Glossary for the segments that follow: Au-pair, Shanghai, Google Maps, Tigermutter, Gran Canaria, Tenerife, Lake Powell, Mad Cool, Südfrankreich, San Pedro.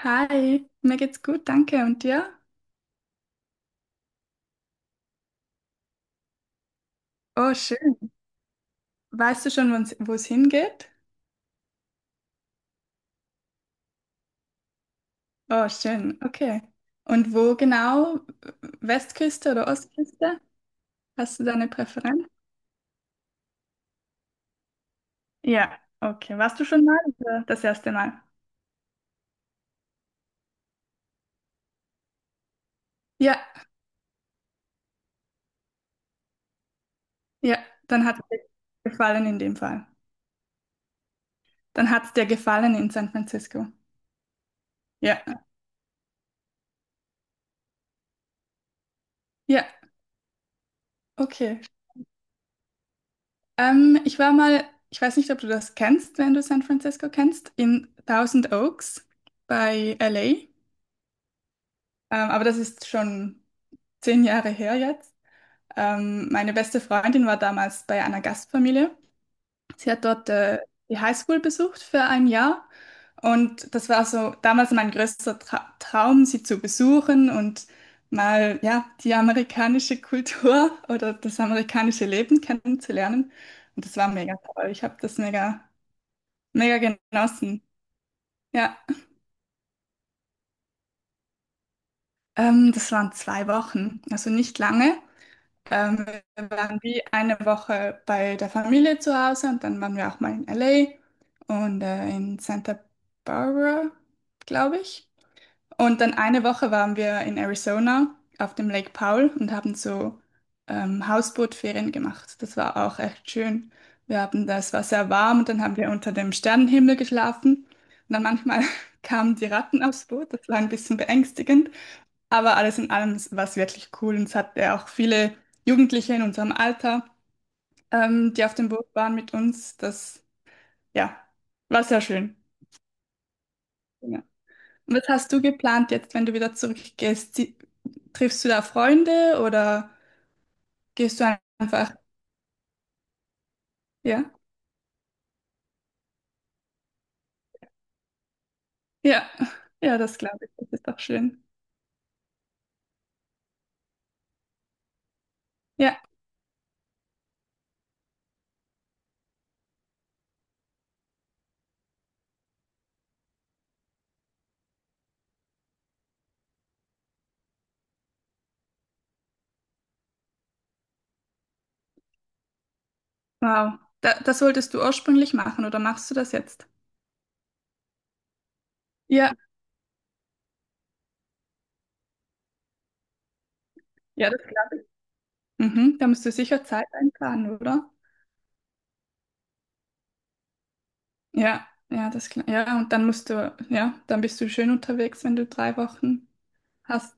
Hi, mir geht's gut, danke. Und dir? Oh, schön. Weißt du schon, wo es hingeht? Oh, schön, okay. Und wo genau? Westküste oder Ostküste? Hast du da eine Präferenz? Ja, okay. Warst du schon mal oder das erste Mal? Ja, ja, dann hat es dir gefallen in dem Fall. Dann hat es dir gefallen in San Francisco. Ja, ja, okay. Ich war mal, ich weiß nicht, ob du das kennst, wenn du San Francisco kennst, in Thousand Oaks bei LA. Aber das ist schon 10 Jahre her jetzt. Meine beste Freundin war damals bei einer Gastfamilie. Sie hat dort die Highschool besucht für ein Jahr. Und das war so damals mein größter Traum, sie zu besuchen und mal ja, die amerikanische Kultur oder das amerikanische Leben kennenzulernen. Und das war mega toll. Ich habe das mega, mega genossen. Ja, das waren 2 Wochen, also nicht lange. Ähm, Wir waren wie eine Woche bei der Familie zu Hause und dann waren wir auch mal in LA und in Santa Barbara, glaube ich. Und dann eine Woche waren wir in Arizona auf dem Lake Powell und haben so Hausbootferien gemacht. Das war auch echt schön. Das war sehr warm und dann haben wir unter dem Sternenhimmel geschlafen. Und dann manchmal kamen die Ratten aufs Boot. Das war ein bisschen beängstigend. Aber alles in allem war es wirklich cool und es hat ja auch viele Jugendliche in unserem Alter, die auf dem Boot waren mit uns. Das, ja, war sehr schön. Ja. Was hast du geplant jetzt, wenn du wieder zurückgehst? Triffst du da Freunde oder gehst du einfach? Ja, ja, ja, das glaube ich. Das ist doch schön. Ja, wow. Da, das wolltest du ursprünglich machen oder machst du das jetzt? Ja, ja, das glaube ich. Mhm, da musst du sicher Zeit einplanen, oder? Ja, ja, das klar. Ja, und dann musst du, ja, dann bist du schön unterwegs, wenn du 3 Wochen hast.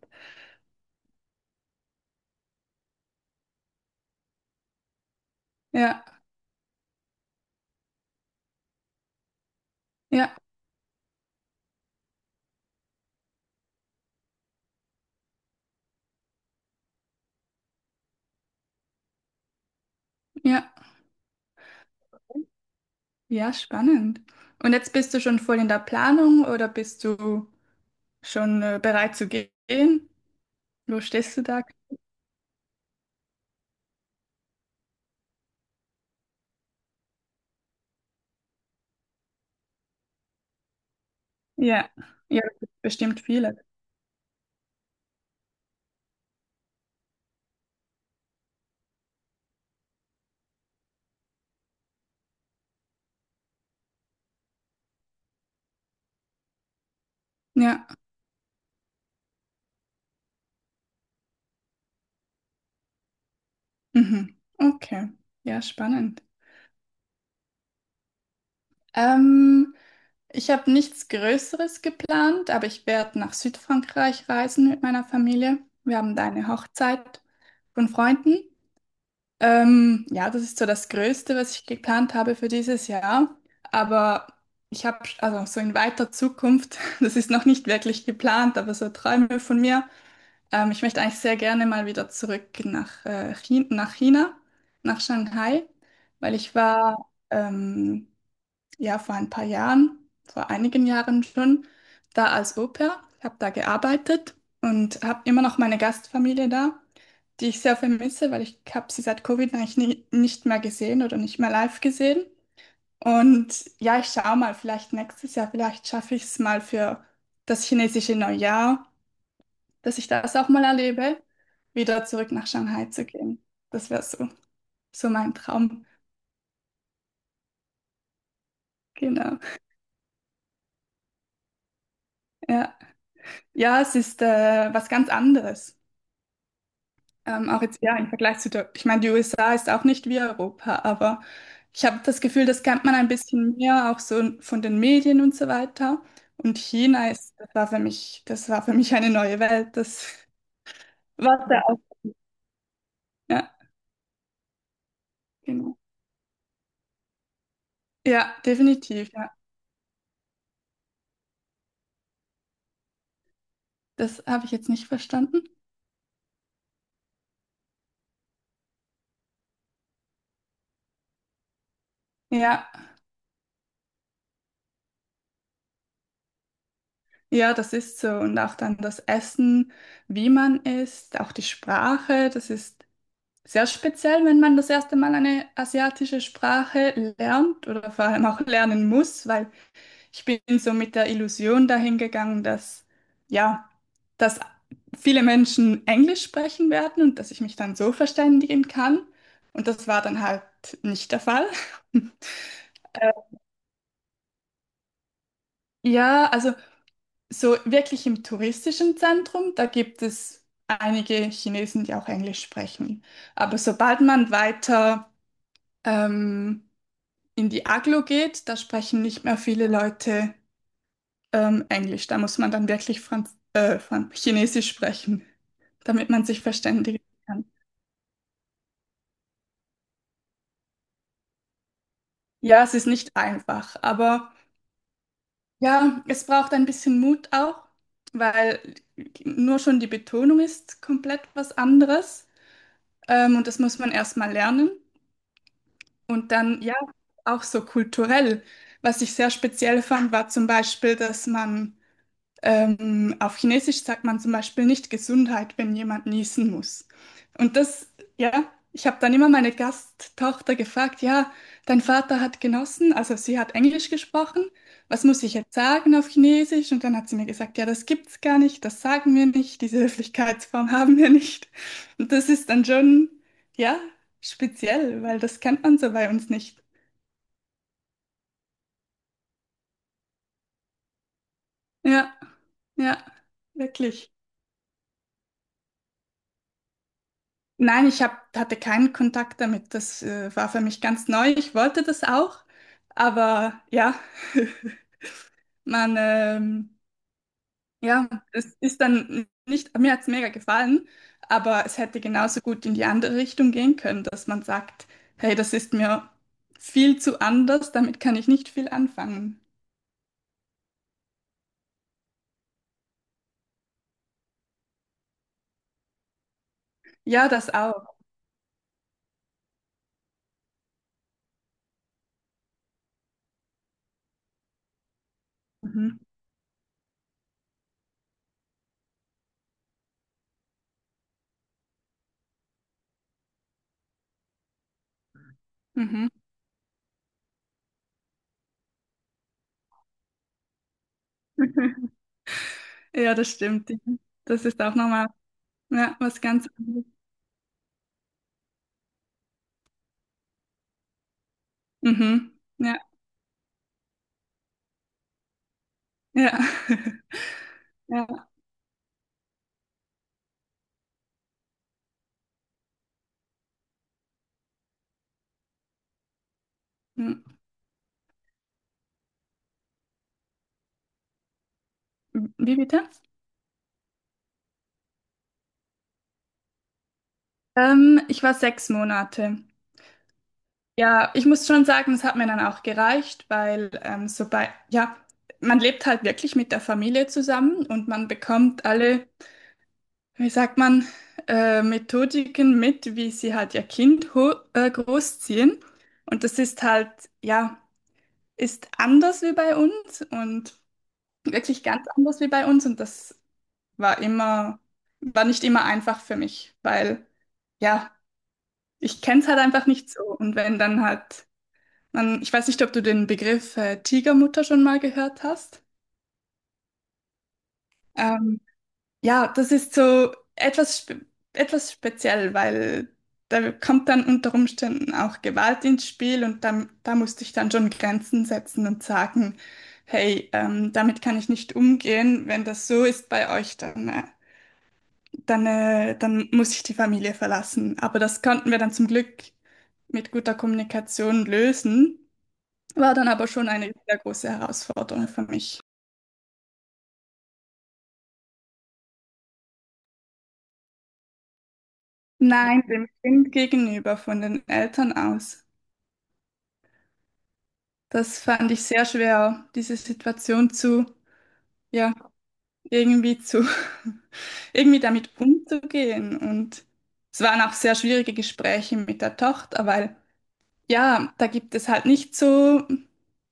Ja, ja, ja, ja, spannend. Und jetzt bist du schon voll in der Planung oder bist du schon bereit zu gehen? Wo stehst du da? Ja, ja, bestimmt viele. Ja, mhm. Okay, ja, spannend. Ähm, Ich habe nichts Größeres geplant, aber ich werde nach Südfrankreich reisen mit meiner Familie. Wir haben da eine Hochzeit von Freunden. Ja, das ist so das Größte, was ich geplant habe für dieses Jahr. Aber ich habe, also so in weiter Zukunft, das ist noch nicht wirklich geplant, aber so Träume von mir. Ich möchte eigentlich sehr gerne mal wieder zurück nach, China, nach China, nach Shanghai, weil ich war ähm, ja, vor ein paar Jahren, vor einigen Jahren schon, da als Au-pair. Ich habe da gearbeitet und habe immer noch meine Gastfamilie da, die ich sehr vermisse, weil ich habe sie seit Covid eigentlich nie, nicht mehr gesehen oder nicht mehr live gesehen. Und ja, ich schaue mal, vielleicht nächstes Jahr, vielleicht schaffe ich es mal für das chinesische Neujahr, dass ich das auch mal erlebe, wieder zurück nach Shanghai zu gehen. Das wäre so, so mein Traum. Genau. Ja, ja, es ist was ganz anderes. Auch jetzt, ja, im Vergleich zu der, ich meine, die USA ist auch nicht wie Europa, aber ich habe das Gefühl, das kennt man ein bisschen mehr, auch so von den Medien und so weiter. Und China ist, das war für mich, das war für mich eine neue Welt. Das war da auch. Ja, genau. Ja, definitiv, ja. Das habe ich jetzt nicht verstanden. Ja, ja, das ist so. Und auch dann das Essen, wie man isst, auch die Sprache, das ist sehr speziell, wenn man das erste Mal eine asiatische Sprache lernt oder vor allem auch lernen muss, weil ich bin so mit der Illusion dahin gegangen, dass ja, dass viele Menschen Englisch sprechen werden und dass ich mich dann so verständigen kann. Und das war dann halt nicht der Fall. Äh, Ja, also so wirklich im touristischen Zentrum, da gibt es einige Chinesen, die auch Englisch sprechen. Aber sobald man weiter ähm, in die Aglo geht, da sprechen nicht mehr viele Leute Englisch. Da muss man dann wirklich Chinesisch sprechen, damit man sich verständigen kann. Ja, es ist nicht einfach, aber ja, es braucht ein bisschen Mut auch, weil nur schon die Betonung ist komplett was anderes. Und das muss man erstmal lernen. Und dann, ja, auch so kulturell. Was ich sehr speziell fand, war zum Beispiel, dass man auf Chinesisch sagt man zum Beispiel nicht Gesundheit, wenn jemand niesen muss. Und das, ja, ich habe dann immer meine Gasttochter gefragt, ja, dein Vater hat genossen, also sie hat Englisch gesprochen, was muss ich jetzt sagen auf Chinesisch? Und dann hat sie mir gesagt, ja, das gibt's gar nicht, das sagen wir nicht, diese Höflichkeitsform haben wir nicht. Und das ist dann schon, ja, speziell, weil das kennt man so bei uns nicht. Ja, ja, wirklich. Nein, hatte keinen Kontakt damit. Das war für mich ganz neu. Ich wollte das auch, aber ja, man, ja, es ist dann nicht, mir hat's mega gefallen, aber es hätte genauso gut in die andere Richtung gehen können, dass man sagt, hey, das ist mir viel zu anders, damit kann ich nicht viel anfangen. Ja, das auch. Mhm. Mhm. Ja, das stimmt. Das ist auch nochmal ja, was ganz anderes. Mhm. Ja, ja. Ja. Hm, wie bitte? Ich war 6 Monate. Ja, ich muss schon sagen, es hat mir dann auch gereicht, weil so bei, ja, man lebt halt wirklich mit der Familie zusammen und man bekommt alle, wie sagt man, Methodiken mit, wie sie halt ihr Kind ho großziehen. Und das ist halt, ja, ist anders wie bei uns und wirklich ganz anders wie bei uns. Und das war immer, war nicht immer einfach für mich, weil. Ja, ich kenne es halt einfach nicht so. Und wenn dann halt, man, ich weiß nicht, ob du den Begriff Tigermutter schon mal gehört hast. Ähm, ja, das ist so etwas, spe etwas speziell, weil da kommt dann unter Umständen auch Gewalt ins Spiel und dann da musste ich dann schon Grenzen setzen und sagen, hey, damit kann ich nicht umgehen. Wenn das so ist bei euch, dann, dann, dann muss ich die Familie verlassen. Aber das konnten wir dann zum Glück mit guter Kommunikation lösen. War dann aber schon eine sehr große Herausforderung für mich. Nein, dem Kind gegenüber, von den Eltern aus. Das fand ich sehr schwer, diese Situation zu, ja, irgendwie zu, irgendwie damit umzugehen. Und es waren auch sehr schwierige Gespräche mit der Tochter, weil ja, da gibt es halt nicht so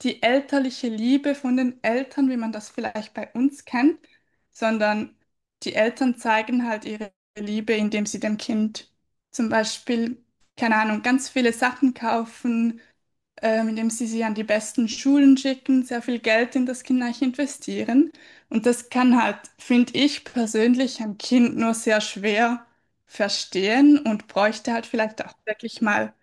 die elterliche Liebe von den Eltern, wie man das vielleicht bei uns kennt, sondern die Eltern zeigen halt ihre Liebe, indem sie dem Kind zum Beispiel, keine Ahnung, ganz viele Sachen kaufen, indem sie sie an die besten Schulen schicken, sehr viel Geld in das Kind eigentlich investieren. Und das kann halt, finde ich persönlich, ein Kind nur sehr schwer verstehen und bräuchte halt vielleicht auch wirklich mal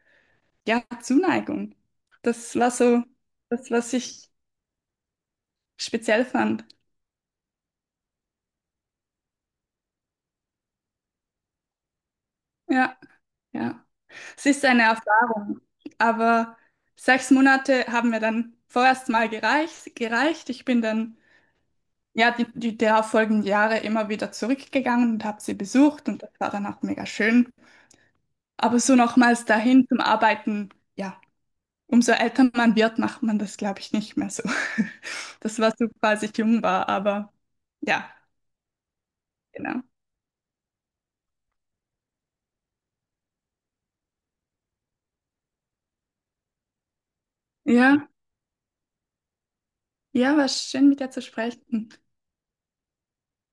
ja, Zuneigung. Das war so das, was ich speziell fand. Ja, ja. Es ist eine Erfahrung, aber 6 Monate haben mir dann vorerst mal gereicht. Ich bin dann ja die darauffolgenden Jahre immer wieder zurückgegangen und habe sie besucht und das war dann auch mega schön. Aber so nochmals dahin zum Arbeiten, ja, umso älter man wird, macht man das, glaube ich, nicht mehr so. Das war so, als ich jung war, aber ja, genau. Ja. Ja, war schön, mit dir zu sprechen.